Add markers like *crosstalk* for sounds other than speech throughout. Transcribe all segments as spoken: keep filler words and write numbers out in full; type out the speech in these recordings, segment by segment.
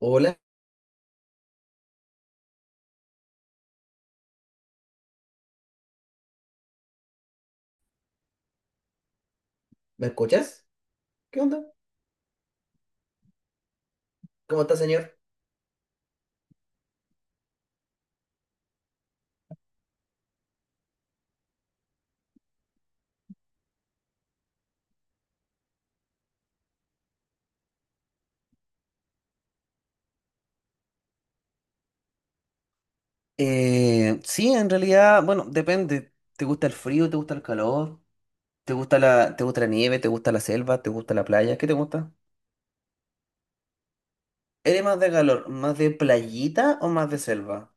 Hola, ¿me escuchas? ¿Qué onda? ¿Cómo está, señor? Eh, sí, en realidad, bueno, depende. ¿Te gusta el frío? ¿Te gusta el calor? ¿Te gusta la, ¿te gusta la nieve? ¿Te gusta la selva? ¿Te gusta la playa? ¿Qué te gusta? ¿Eres más de calor? ¿Más de playita o más de selva?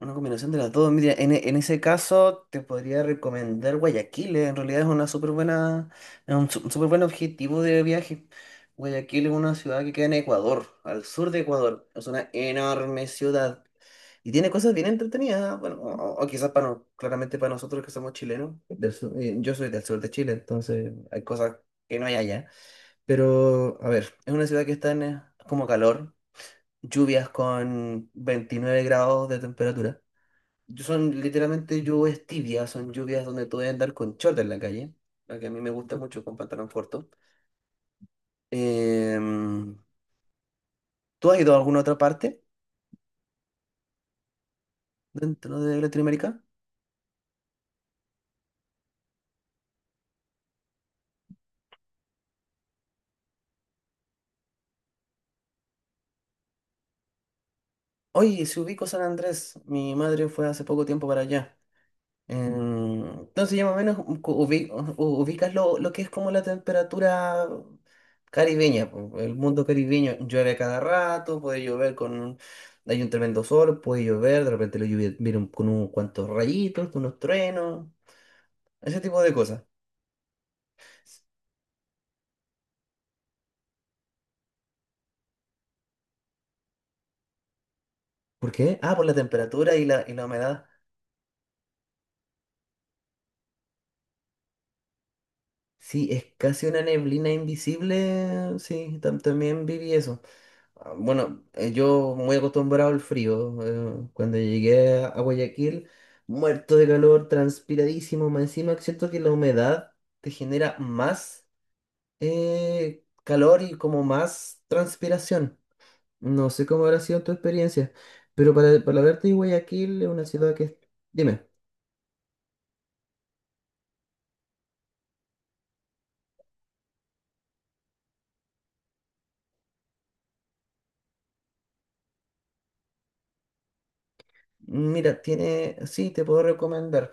Una combinación de las dos. Mira, en, e- en ese caso te podría recomendar Guayaquil. eh, En realidad es una súper buena, es un su- súper buen objetivo de viaje. Guayaquil es una ciudad que queda en Ecuador, al sur de Ecuador. Es una enorme ciudad. Y tiene cosas bien entretenidas, bueno, o, o quizás para no- claramente para nosotros que somos chilenos, del sur- eh, yo soy del sur de Chile, entonces hay cosas que no hay allá. Pero, a ver, es una ciudad que está en eh, como calor, lluvias con veintinueve grados de temperatura. Yo- Son literalmente lluvias tibias, son lluvias donde tú debes andar con short en la calle, la que a mí me gusta mucho con pantalón corto. Em, ¿Tú has ido a alguna otra parte dentro de Latinoamérica? Oye, si ubico San Andrés, mi madre fue hace poco tiempo para allá. Em, Entonces, ya más o menos u- ubi- u- ubicas lo, lo que es como la temperatura caribeña, po, el mundo caribeño. Llueve a cada rato, puede llover con... Hay un tremendo sol, puede llover, de repente lo lluvia viene un- con unos cuantos rayitos, con unos truenos, ese tipo de cosas. ¿Por qué? Ah, por la temperatura y la, y la humedad. Sí, es casi una neblina invisible. Sí, tam- también viví eso. Ah, bueno, eh, yo muy acostumbrado al frío. Eh, cuando llegué a Guayaquil, muerto de calor, transpiradísimo, más encima siento que la humedad te genera más eh, calor y como más transpiración. No sé cómo habrá sido tu experiencia, pero para, para verte de Guayaquil es una ciudad que... Dime. Mira, tiene, sí, te puedo recomendar.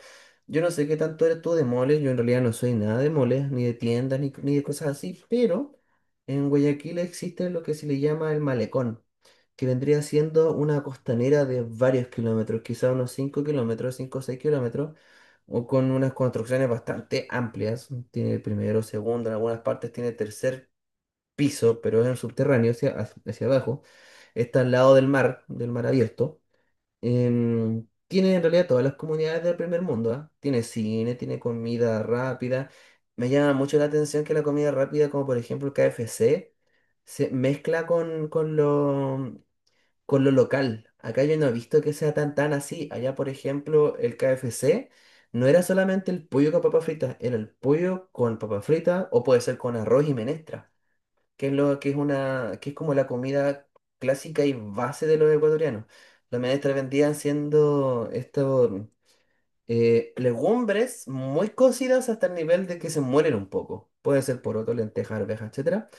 Yo no sé qué tanto eres tú de moles, yo en realidad no soy nada de moles, ni de tiendas, ni, ni de cosas así, pero en Guayaquil existe lo que se le llama el malecón, que vendría siendo una costanera de varios kilómetros, quizá unos cinco kilómetros, cinco o seis kilómetros, o con unas construcciones bastante amplias. Tiene primero, segundo, en algunas partes tiene tercer piso, pero es en subterráneo, hacia, hacia abajo. Está al lado del mar, del mar abierto. Em, tiene en realidad todas las comunidades del primer mundo, ¿ah? Tiene cine, tiene comida rápida. Me llama mucho la atención que la comida rápida, como por ejemplo el K F C se mezcla con, con lo, con lo local. Acá yo no he visto que sea tan, tan así. Allá, por ejemplo, el K F C no era solamente el pollo con papas fritas, era el pollo con papas fritas o puede ser con arroz y menestra que es lo que es una, que es como la comida clásica y base de los ecuatorianos. Los menestres vendían siendo estos eh, legumbres muy cocidas hasta el nivel de que se mueren un poco. Puede ser poroto, lenteja, arveja, etcétera.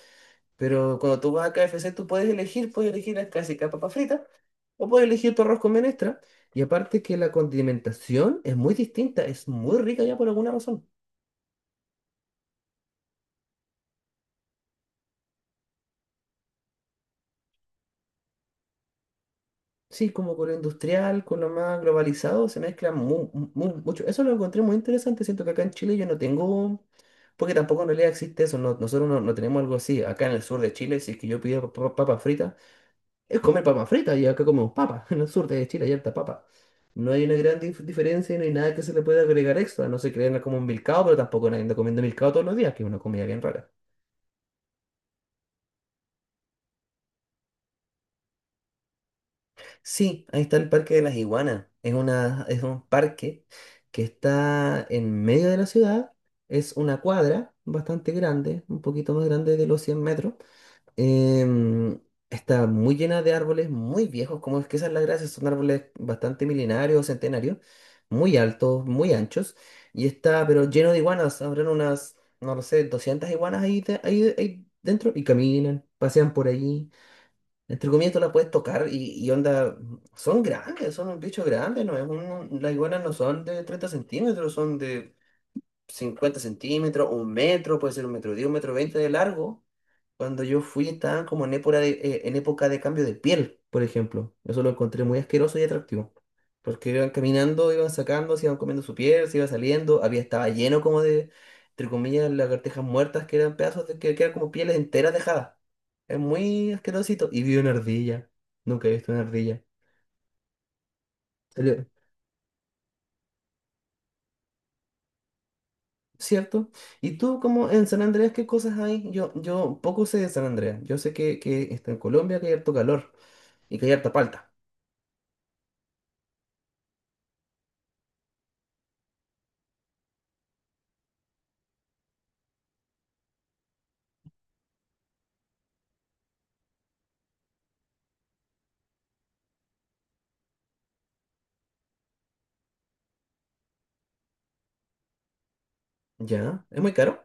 Pero cuando tú vas a K F C, tú puedes elegir, puedes elegir la clásica papa frita o puedes elegir tu arroz con menestra. Y aparte que la condimentación es muy distinta, es muy rica ya por alguna razón. Sí, como con lo industrial, con lo más globalizado, se mezcla mu- mu- mucho. Eso lo encontré muy interesante. Siento que acá en Chile yo no tengo, porque tampoco en realidad existe eso. No- nosotros no, no tenemos algo así. Acá en el sur de Chile, si es que yo pido pa- papas fritas, es comer papas fritas y acá comemos papas. *laughs* En el sur de Chile hay harta papa. No hay una gran dif- diferencia y no hay nada que se le pueda agregar extra. No se crean como un milcao, pero tampoco nadie anda comiendo milcao todos los días, que es una comida bien rara. Sí, ahí está el Parque de las Iguanas. Es una, es un parque que está en medio de la ciudad. Es una cuadra bastante grande, un poquito más grande de los cien metros. Em, Está muy llena de árboles muy viejos, como es que esa es la gracia. Son árboles bastante milenarios, centenarios, muy altos, muy anchos. Y está, pero lleno de iguanas. Habrán unas, no lo sé, doscientas iguanas ahí, de- ahí ahí dentro y caminan, pasean por ahí. Entre comillas, tú la puedes tocar y, y onda, son grandes, son un bicho grande, ¿no? Es un- las iguanas no son de treinta centímetros, son de cincuenta centímetros, un metro, puede ser un metro diez, un metro veinte de largo. Cuando yo fui estaban como en época de, eh, en época de cambio de piel, por ejemplo. Eso lo encontré muy asqueroso y atractivo. Porque iban caminando, iban sacando, se iban comiendo su piel, se iba saliendo, había, estaba lleno como de, entre comillas, lagartijas muertas que eran pedazos de, que, que eran como pieles enteras dejadas. Es muy asquerosito. Y vi una ardilla. Nunca he visto una ardilla. Salió- ¿Cierto? ¿Y tú como en San Andrés qué cosas hay? Yo, yo poco sé de San Andrés. Yo sé que, que está en Colombia, que hay harto calor y que hay harta palta. ¿Ya? ¿Es muy caro?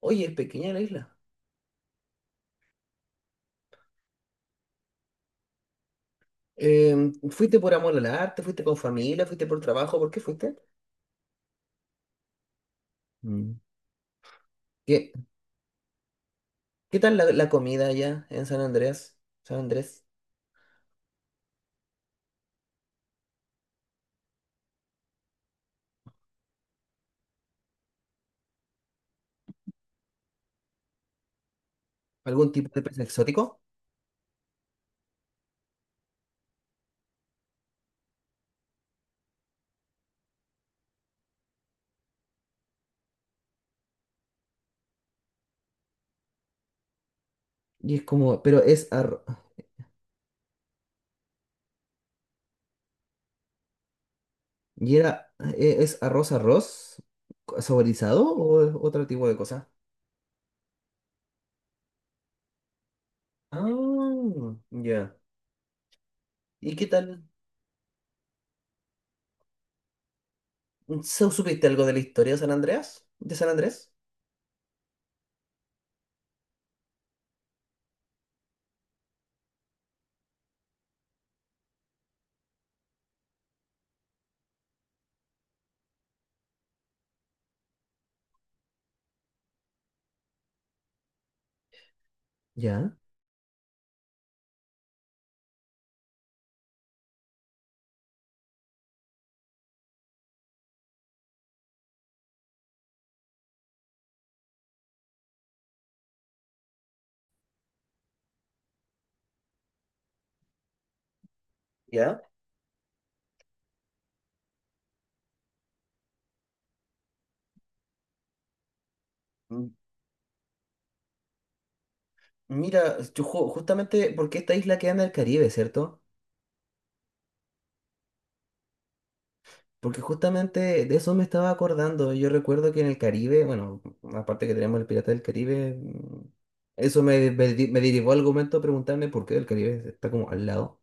Oye, es pequeña la isla. Em, ¿fuiste por amor al arte? ¿Fuiste con familia? ¿Fuiste por trabajo? ¿Por qué fuiste? Mm. ¿Qué, ¿Qué tal la, la comida allá en San Andrés? San Andrés, ¿algún tipo de pez exótico? Y es como, pero es ar- y era, e- ¿es arroz arroz co- saborizado o es otro tipo de cosa? Ah, ya. ¿Y qué tal? ¿Su- ¿Supiste algo de la historia de San Andrés? ¿De San Andrés? Ya. Ya. Mm, mira, yo ju- justamente porque esta isla queda en el Caribe, ¿cierto? Porque justamente de eso me estaba acordando. Yo recuerdo que en el Caribe, bueno, aparte que tenemos el Pirata del Caribe, mm, eso me, me, di- me derivó al argumento de preguntarme por qué el Caribe está como al lado,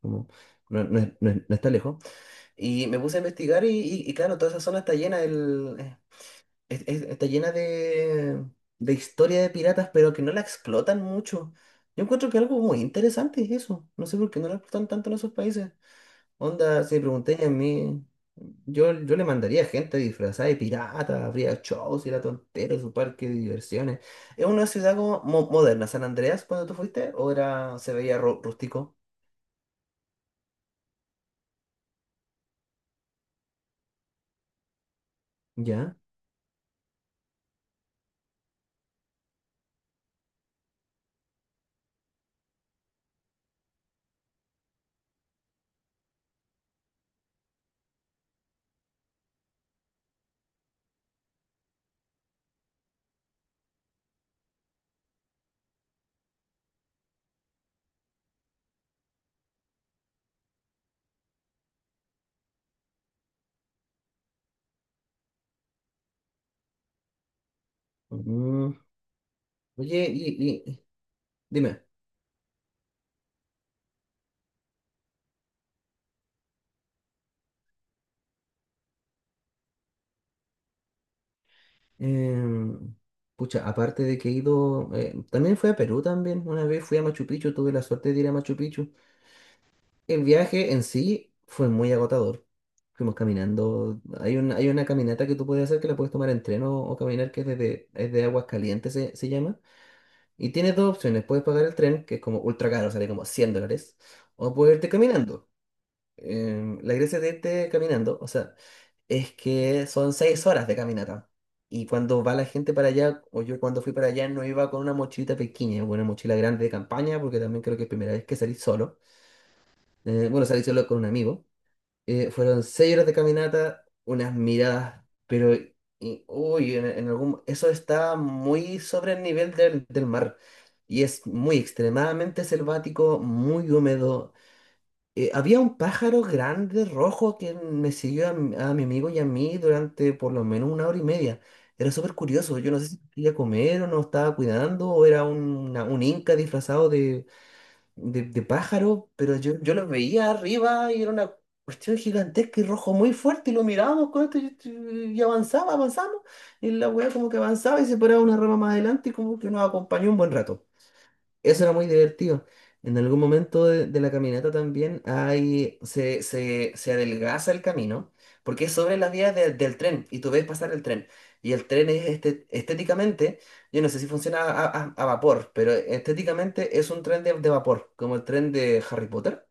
como no, no, es- no es- no está lejos. Y me puse a investigar y, y- y claro, toda esa zona está llena, del, eh, es- es- está llena de, de historia de piratas, pero que no la explotan mucho. Yo encuentro que algo muy interesante es eso. No sé por qué no la explotan tanto en esos países. Onda, si me preguntáis a mí, yo, yo le mandaría gente disfrazada de pirata, habría shows y la tontera, su parque de diversiones. ¿Es una ciudad como mo- moderna, San Andreas, cuando tú fuiste? ¿O era, se veía ru- rústico? ¿Ya? Mm. Oye, y, y- dime, em, pucha, aparte de que he ido, eh, también fui a Perú también, una vez fui a Machu Picchu, tuve la suerte de ir a Machu Picchu. El viaje en sí fue muy agotador. Fuimos caminando. Hay una, hay una caminata que tú puedes hacer que la puedes tomar en tren o, o caminar, que es desde, es de Aguas Calientes, se, se llama. Y tienes dos opciones. Puedes pagar el tren, que es como ultra caro, sale como cien dólares, o puedes irte caminando. Em, la gracia de irte caminando, o sea, es que son seis horas de caminata. Y cuando va la gente para allá, o yo cuando fui para allá, no iba con una mochilita pequeña, o una mochila grande de campaña, porque también creo que es primera vez que salí solo. Eh, bueno, salí solo con un amigo. Eh, fueron seis horas de caminata, unas miradas, pero y- uy, en, en algún, eso está muy sobre el nivel del, del mar y es muy extremadamente selvático, muy húmedo. Eh, había un pájaro grande rojo que me siguió a, mi a mi amigo y a mí durante por lo menos una hora y media. Era súper curioso, yo no sé si quería comer o no estaba cuidando o era un, una- un inca disfrazado de, de pájaros, pero yo, yo los veía arriba y era una cuestión gigantesca y rojo muy fuerte y lo mirábamos con esto y, y avanzaba, avanzamos y la weá como que avanzaba y se paraba una rama más adelante y como que nos acompañó un buen rato. Eso era muy divertido. En algún momento de, de la caminata también hay, se, se, se adelgaza el camino, porque es sobre las vías de- del tren, y tú ves pasar el tren. Y el tren es este, estéticamente, yo no sé si funciona a, a- a vapor, pero estéticamente es un tren de, de vapor, como el tren de Harry Potter,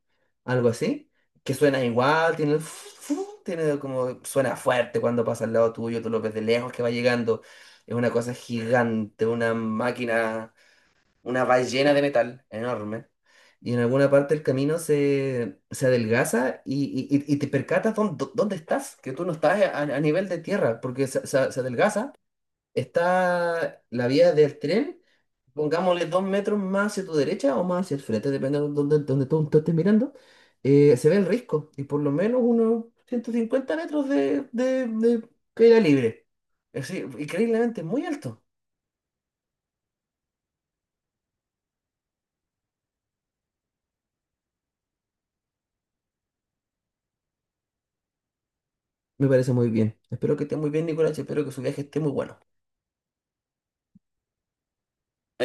algo así, que suena igual, tiene, el *laughs* tiene como, suena fuerte cuando pasa al lado tuyo, tú lo ves de lejos que va llegando. Es una cosa gigante, una máquina una ballena de metal enorme. Y en alguna parte del camino se, se adelgaza y, y- y- y te percatas dón- dó- dónde estás, que tú no estás a, a nivel de tierra, porque se, se- se adelgaza. Está la vía del tren, pongámosle dos metros más hacia tu derecha o más hacia el frente, depende de dónde, dónde tú tú estés mirando. Eh, se ve el risco y por lo menos unos ciento cincuenta metros de, de, de caída libre. Es decir, increíblemente muy alto. Me parece muy bien. Espero que esté muy bien, Nicolás. y Espero que su viaje esté muy bueno.